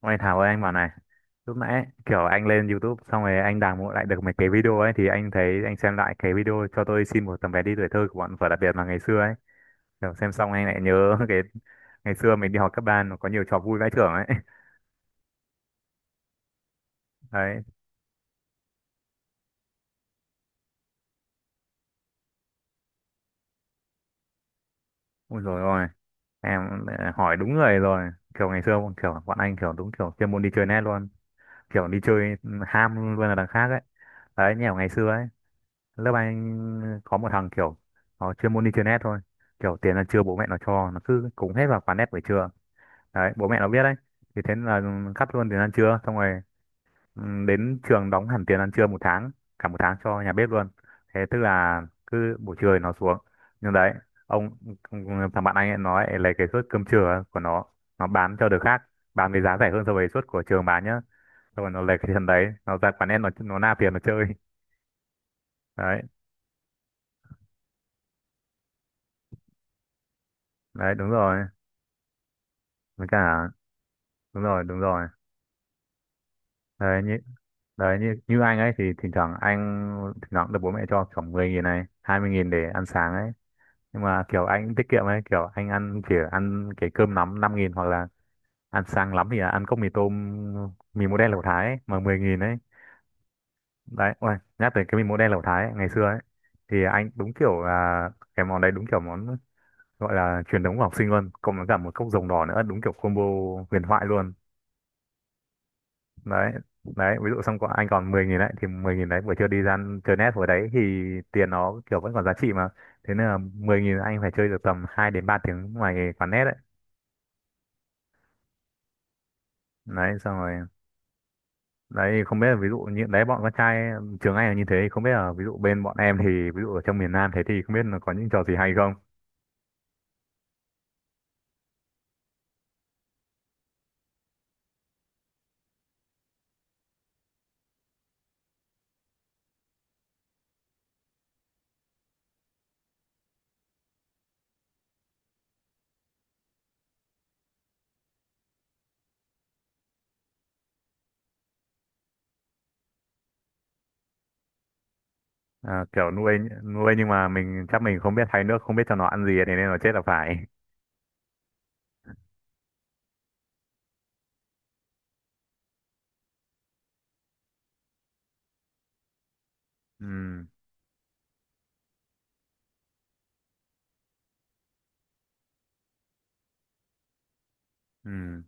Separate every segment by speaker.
Speaker 1: Ôi Thảo ơi, anh bảo này. Lúc nãy anh lên YouTube xong rồi anh đào mộ lại được mấy cái video ấy. Thì anh thấy anh xem lại cái video "Cho tôi xin một tấm vé đi tuổi thơ" của bọn Vở Đặc Biệt mà ngày xưa ấy. Xem xong anh lại nhớ cái ngày xưa mình đi học cấp ba, nó có nhiều trò vui vãi chưởng ấy. Đấy, ôi rồi ôi em, hỏi đúng người rồi. Ngày xưa bọn anh đúng chuyên môn đi chơi net luôn. Đi chơi ham luôn là đằng khác ấy. Đấy, nhiều ngày xưa ấy, lớp anh có một thằng kiểu nó chuyên môn đi chơi net thôi. Kiểu tiền ăn trưa bố mẹ nó cho, nó cứ cúng hết vào quán net buổi trưa. Đấy, bố mẹ nó biết đấy, thì thế là cắt luôn tiền ăn trưa, xong rồi ừ, đến trường đóng hẳn tiền ăn trưa một tháng, cả một tháng cho nhà bếp luôn. Thế tức là cứ buổi trưa thì nó xuống, nhưng đấy, ông, thằng bạn anh ấy nói lấy cái suất cơm trưa của nó bán cho đứa khác, bán với giá rẻ hơn so với suất của trường bán nhá. Xong rồi nó lấy cái tiền đấy, nó ra quán net, nó nạp tiền nó chơi. Đấy, đấy đúng rồi, với cả đúng rồi đúng rồi. Đấy như đấy như như anh ấy thì thỉnh thoảng anh, thỉnh thoảng được bố mẹ cho khoảng 10 nghìn này 20 nghìn để ăn sáng ấy. Nhưng mà kiểu anh cũng tiết kiệm ấy, kiểu anh ăn chỉ ăn cái cơm nắm 5 nghìn, hoặc là ăn sáng lắm thì là ăn cốc mì tôm, mì mỗ đen lẩu thái ấy, mà 10 nghìn ấy. Đấy, ôi nhắc tới cái mì mỗ đen lẩu thái ấy, ngày xưa ấy, thì anh đúng kiểu là cái món đấy đúng kiểu món gọi là truyền thống của học sinh luôn, cộng với cả một cốc rồng đỏ nữa, đúng kiểu combo huyền thoại luôn. Đấy, đấy ví dụ xong có anh còn 10 nghìn đấy, thì 10 nghìn đấy buổi trưa đi ra chơi net hồi đấy thì tiền nó kiểu vẫn còn giá trị mà. Thế nên là 10 nghìn anh phải chơi được tầm 2 đến 3 tiếng ngoài quán net đấy. Đấy xong rồi, đấy không biết là ví dụ như đấy bọn con trai trường anh là như thế, không biết là ví dụ bên bọn em thì, ví dụ ở trong miền Nam thế thì không biết là có những trò gì hay không. À, kiểu nuôi nuôi nhưng mà mình chắc mình không biết thay nước, không biết cho nó ăn gì thì nên nó chết là phải. Ừ, ừ,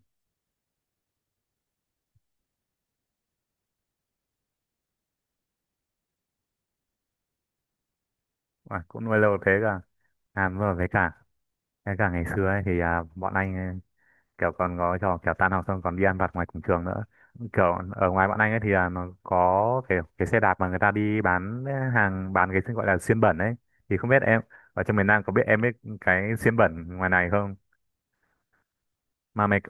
Speaker 1: à, cũng nuôi lâu thế cả. À đúng rồi, với cả, thế cả ngày xưa ấy, thì à, bọn anh kiểu còn có trò kiểu tan học xong còn đi ăn vặt ngoài cổng trường nữa. Kiểu ở ngoài bọn anh ấy thì là nó có cái xe đạp mà người ta đi bán hàng, bán cái gọi là xiên bẩn ấy. Thì không biết em ở trong miền Nam có biết, em biết cái xiên bẩn ngoài này không mà mày,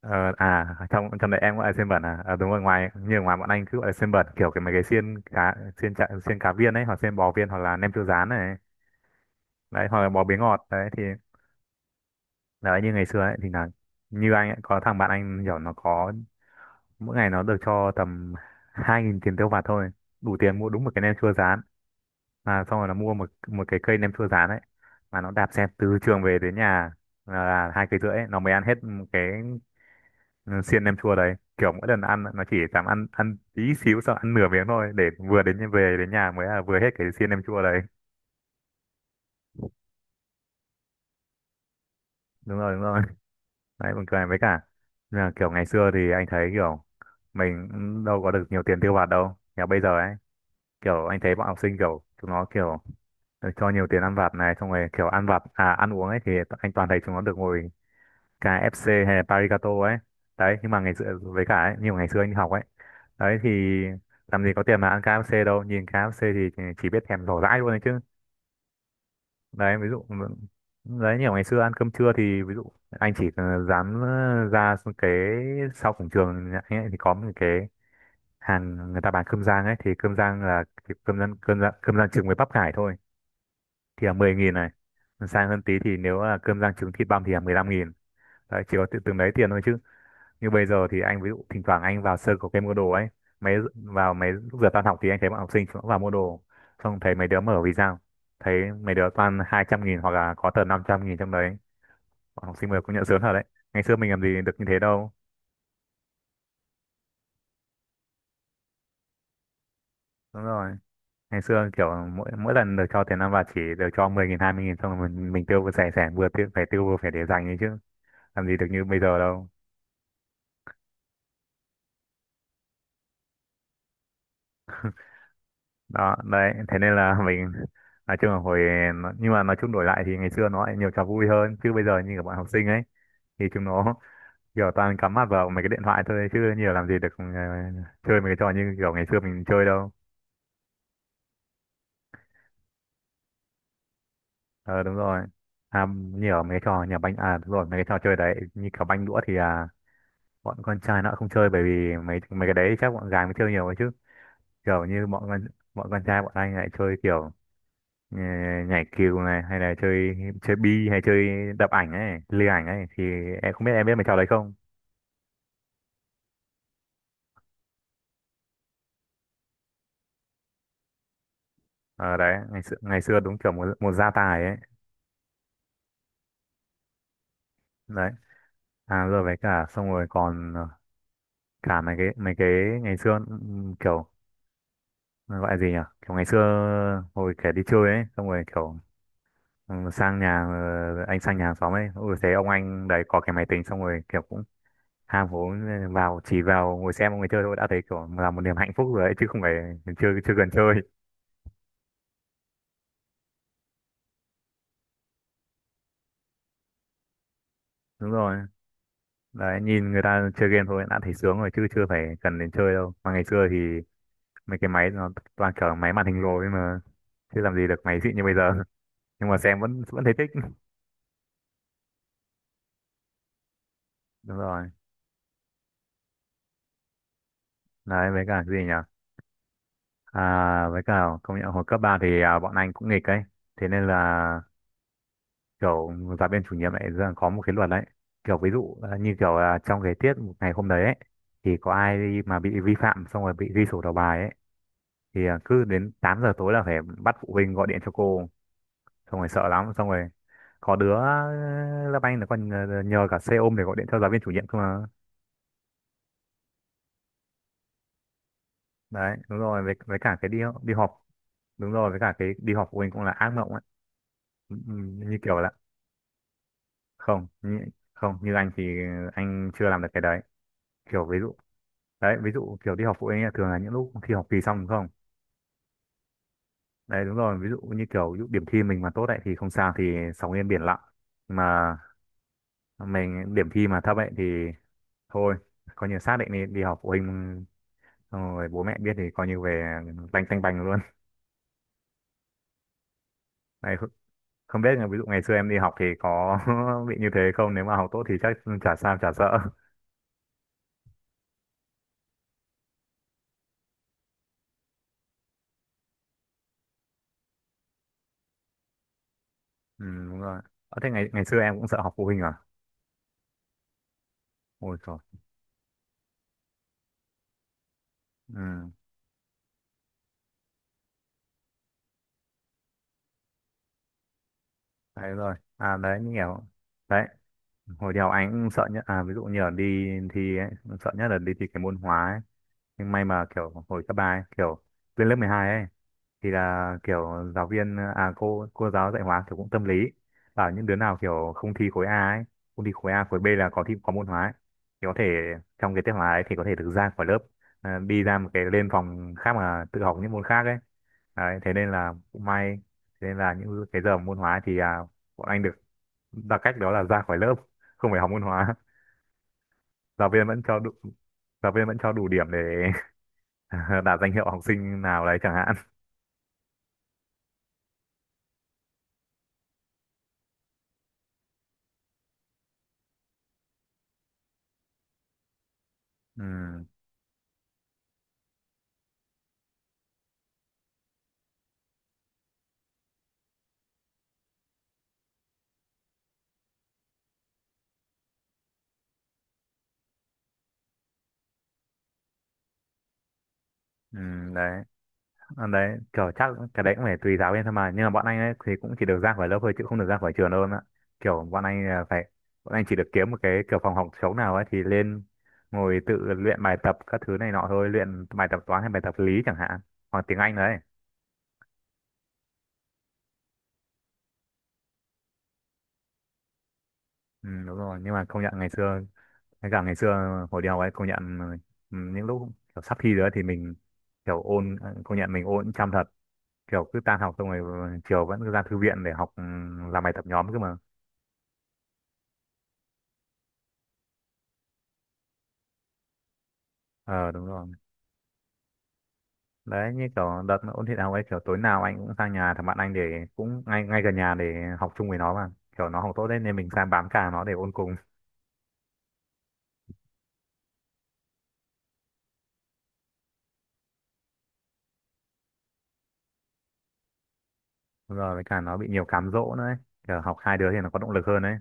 Speaker 1: ờ, à trong trong đấy em gọi là xiên bẩn à. Ờ, đúng rồi, ngoài như ở ngoài bọn anh cứ gọi là xiên bẩn, kiểu cái mấy cái xiên cá, xiên chả, xiên cá viên ấy, hoặc xiên bò viên, hoặc là nem chua rán này, đấy, hoặc là bò bế ngọt đấy thì, đấy như ngày xưa ấy thì là như anh ấy có thằng bạn anh nhỏ, nó có mỗi ngày nó được cho tầm 2 nghìn tiền tiêu vặt thôi, đủ tiền mua đúng một cái nem chua rán. Mà xong rồi nó mua một một cái cây nem chua rán ấy, mà nó đạp xe từ trường về đến nhà là hai cây rưỡi ấy, nó mới ăn hết một cái. Ừ, xiên nem chua đấy kiểu mỗi lần ăn nó chỉ dám ăn ăn tí xíu, xong ăn nửa miếng thôi để vừa về đến nhà mới là vừa hết cái xiên nem chua đấy. Đúng rồi đúng rồi. Đấy, buồn cười với cả là kiểu ngày xưa thì anh thấy kiểu mình cũng đâu có được nhiều tiền tiêu vặt đâu. Kiểu bây giờ ấy, kiểu anh thấy bọn học sinh kiểu chúng nó kiểu, ờ, cho nhiều tiền ăn vặt này, xong rồi kiểu ăn vặt à ăn uống ấy thì anh toàn thấy chúng nó được ngồi KFC hay là Parigato ấy. Đấy, nhưng mà ngày xưa với cả ấy, nhiều ngày xưa anh đi học ấy. Đấy thì làm gì có tiền mà ăn KFC đâu, nhìn KFC thì chỉ biết thèm rổ rãi luôn đấy chứ. Đấy ví dụ, đấy như ở ngày xưa ăn cơm trưa thì ví dụ anh chỉ dám ra cái sau cổng trường nhà anh ấy thì có một cái hàng người ta bán cơm rang ấy, thì cơm rang là cái cơm rang trứng với bắp cải thôi, thì là 10 nghìn này. Sang hơn tí thì nếu là cơm rang trứng thịt băm thì là 15 nghìn. Đấy chỉ có tự từng đấy tiền thôi chứ. Như bây giờ thì anh ví dụ thỉnh thoảng anh vào sơ có cái mua đồ ấy, vào mấy lúc giờ tan học thì anh thấy bọn học sinh cũng vào mua đồ, xong thấy mấy đứa mở vì sao, thấy mấy đứa toàn 200 nghìn hoặc là có tờ 500 nghìn trong đấy. Bọn học sinh mới cũng nhận sớm thật đấy, ngày xưa mình làm gì được như thế đâu. Đúng rồi, ngày xưa kiểu mỗi mỗi lần được cho tiền ăn vặt chỉ được cho 10 nghìn 20 nghìn xong rồi mình tiêu vừa rẻ, rẻ vừa tiêu phải tiêu vừa phải để dành ấy chứ, làm gì được như bây giờ đâu. Đó đấy, thế nên là mình nói chung là hồi nhưng mà nói chung đổi lại thì ngày xưa nó lại nhiều trò vui hơn chứ bây giờ như các bạn học sinh ấy thì chúng nó kiểu toàn cắm mặt vào mấy cái điện thoại thôi chứ nhiều làm gì được, chơi mấy cái trò như kiểu ngày xưa mình chơi đâu. Ờ đúng rồi, à, nhiều mấy cái trò nhà banh, à đúng rồi mấy cái trò chơi đấy như kiểu banh đũa thì à, bọn con trai nó không chơi, bởi vì mấy mấy cái đấy chắc bọn gái mới chơi nhiều ấy chứ. Kiểu như bọn con trai bọn anh lại chơi kiểu, ờ, nhảy cừu này, hay là chơi chơi bi, hay chơi đập ảnh ấy, lừa ảnh ấy, thì em không biết, em biết mấy trò đấy không. Ờ đấy, ngày xưa đúng kiểu một gia tài ấy. Đấy, à rồi với cả xong rồi còn, ờ, cả mấy cái ngày xưa, kiểu nó gọi là gì nhỉ, kiểu ngày xưa hồi kẻ đi chơi ấy, xong rồi kiểu ừ, sang nhà, ờ, anh sang nhà hàng xóm ấy, ôi thấy ông anh đấy có cái máy tính, xong rồi kiểu cũng ham hố, ừ, vào chỉ vào ngồi xem mọi người chơi thôi đã thấy kiểu là một niềm hạnh phúc rồi ấy chứ không phải, chưa chưa cần chơi. Đúng rồi, đấy nhìn người ta chơi game thôi đã thấy sướng rồi chứ chưa phải cần đến chơi đâu, mà ngày xưa thì mấy cái máy nó toàn kiểu máy màn hình lồi ấy mà, chứ làm gì được máy xịn như bây giờ. Nhưng mà xem vẫn vẫn thấy thích. Đúng rồi, đấy với cả cái gì nhỉ, à với cả công nhận hồi cấp 3 thì à, bọn anh cũng nghịch ấy, thế nên là kiểu giáo viên chủ nhiệm lại ra có một cái luật đấy. Kiểu ví dụ à, như kiểu à, trong cái tiết một ngày hôm đấy ấy thì có ai mà bị vi phạm xong rồi bị ghi sổ đầu bài ấy, thì à, cứ đến 8 giờ tối là phải bắt phụ huynh gọi điện cho cô, xong rồi sợ lắm. Xong rồi có đứa, ờ, lớp Anh nó còn nhờ cả xe ôm để gọi điện cho giáo viên chủ nhiệm cơ mà. Đấy đúng rồi, với cả cái đi, đi họp, đúng rồi với cả cái đi họp phụ huynh cũng là ác mộng ấy. Ừ, ừ, như kiểu là không như, không như anh thì anh chưa làm được cái đấy, kiểu ví dụ, đấy ví dụ kiểu đi họp phụ huynh ấy, thường là những lúc khi học kỳ xong đúng không? Đấy, đúng rồi, ví dụ như kiểu ví dụ điểm thi mình mà tốt đấy thì không sao thì sóng yên biển lặng. Mà mình điểm thi mà thấp ấy thì thôi, coi như xác định đi đi học phụ huynh xong rồi bố mẹ biết thì coi như về tanh tanh bành luôn. Này, không, không biết là ví dụ ngày xưa em đi học thì có bị như thế không, nếu mà học tốt thì chắc chả sợ. Ừ, đúng rồi. Thế ngày ngày xưa em cũng sợ học phụ huynh à? Ôi trời. Ừ, đấy rồi, à đấy như kiểu đấy, hồi đi học anh cũng sợ nhất, à ví dụ như là đi thi ấy, sợ nhất là đi thi cái môn hóa ấy. Nhưng may mà kiểu hồi cấp ba ấy, kiểu lên lớp 12 ấy thì là kiểu giáo viên, à cô giáo dạy hóa kiểu cũng tâm lý, bảo những đứa nào kiểu không thi khối A ấy, không thi khối A khối B là có thi có môn hóa ấy, thì có thể trong cái tiết hóa ấy thì có thể được ra khỏi lớp, à đi ra một cái lên phòng khác mà tự học những môn khác ấy. Đấy, thế nên là cũng may, thế nên là những cái giờ môn hóa thì bọn anh được là cách đó là ra khỏi lớp, không phải học môn hóa. Giáo viên vẫn cho đủ, giáo viên vẫn cho đủ điểm để đạt danh hiệu học sinh nào đấy chẳng hạn. Ừ, ừ, đấy. Đấy kiểu chắc cái đấy cũng phải tùy giáo viên thôi, mà nhưng mà bọn anh ấy thì cũng chỉ được ra khỏi lớp thôi chứ không được ra khỏi trường đâu em ạ. Kiểu bọn anh là phải, bọn anh chỉ được kiếm một cái kiểu phòng học trống nào ấy thì lên ngồi tự luyện bài tập các thứ này nọ thôi, luyện bài tập toán hay bài tập lý chẳng hạn, hoặc tiếng Anh đấy. Ừ, đúng rồi, nhưng mà công nhận ngày xưa. Thế cả ngày xưa hồi đi học ấy công nhận, ừ, những lúc kiểu sắp thi rồi ấy thì mình kiểu ôn, công nhận mình ôn chăm thật, kiểu cứ tan học xong rồi chiều vẫn cứ ra thư viện để học, ừ, làm bài tập nhóm cơ mà. Ờ, đúng rồi. Đấy như kiểu đợt mà ôn thi đại học ấy kiểu tối nào anh cũng sang nhà thằng bạn anh để, cũng ngay ngay gần nhà, để học chung với nó mà. Kiểu nó học tốt đấy nên mình sang bám càng nó để ôn cùng. Đúng rồi, với cả nó bị nhiều cám dỗ nữa ấy. Kiểu học hai đứa thì nó có động lực hơn đấy.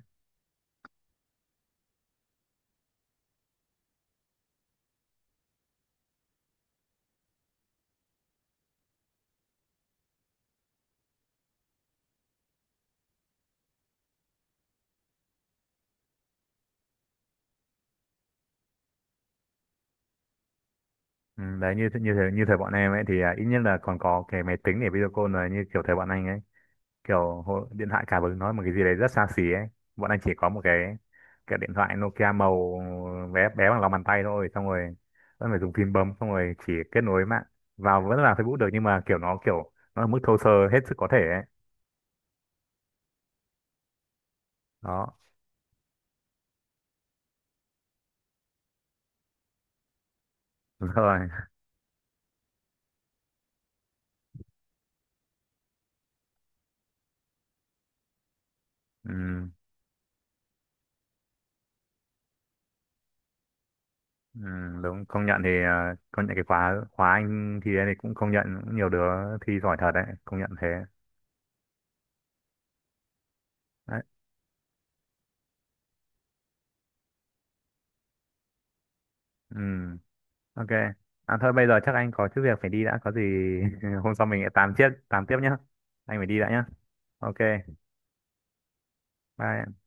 Speaker 1: Ừ, đấy như như thế, như thời bọn em ấy thì ít nhất là còn có cái máy tính để video call, rồi như kiểu thời bọn anh ấy kiểu điện thoại cả vừa nói một cái gì đấy rất xa xỉ ấy. Bọn anh chỉ có một cái điện thoại Nokia màu bé bé bằng lòng bàn tay thôi, xong rồi vẫn phải dùng phím bấm, xong rồi chỉ kết nối mạng vào vẫn là Facebook được, nhưng mà kiểu nó, kiểu nó ở mức thô sơ hết sức có thể ấy. Đó, đúng rồi. Ừ, ừ, đúng công nhận thì công nhận cái khóa khóa anh thì cũng công nhận nhiều đứa thi giỏi thật đấy, công nhận thế đấy. Ừ. Ok. À thôi bây giờ chắc anh có chút việc phải đi đã, có gì hôm sau mình lại tám tiếp nhá, anh phải đi đã nhá. Ok, bye.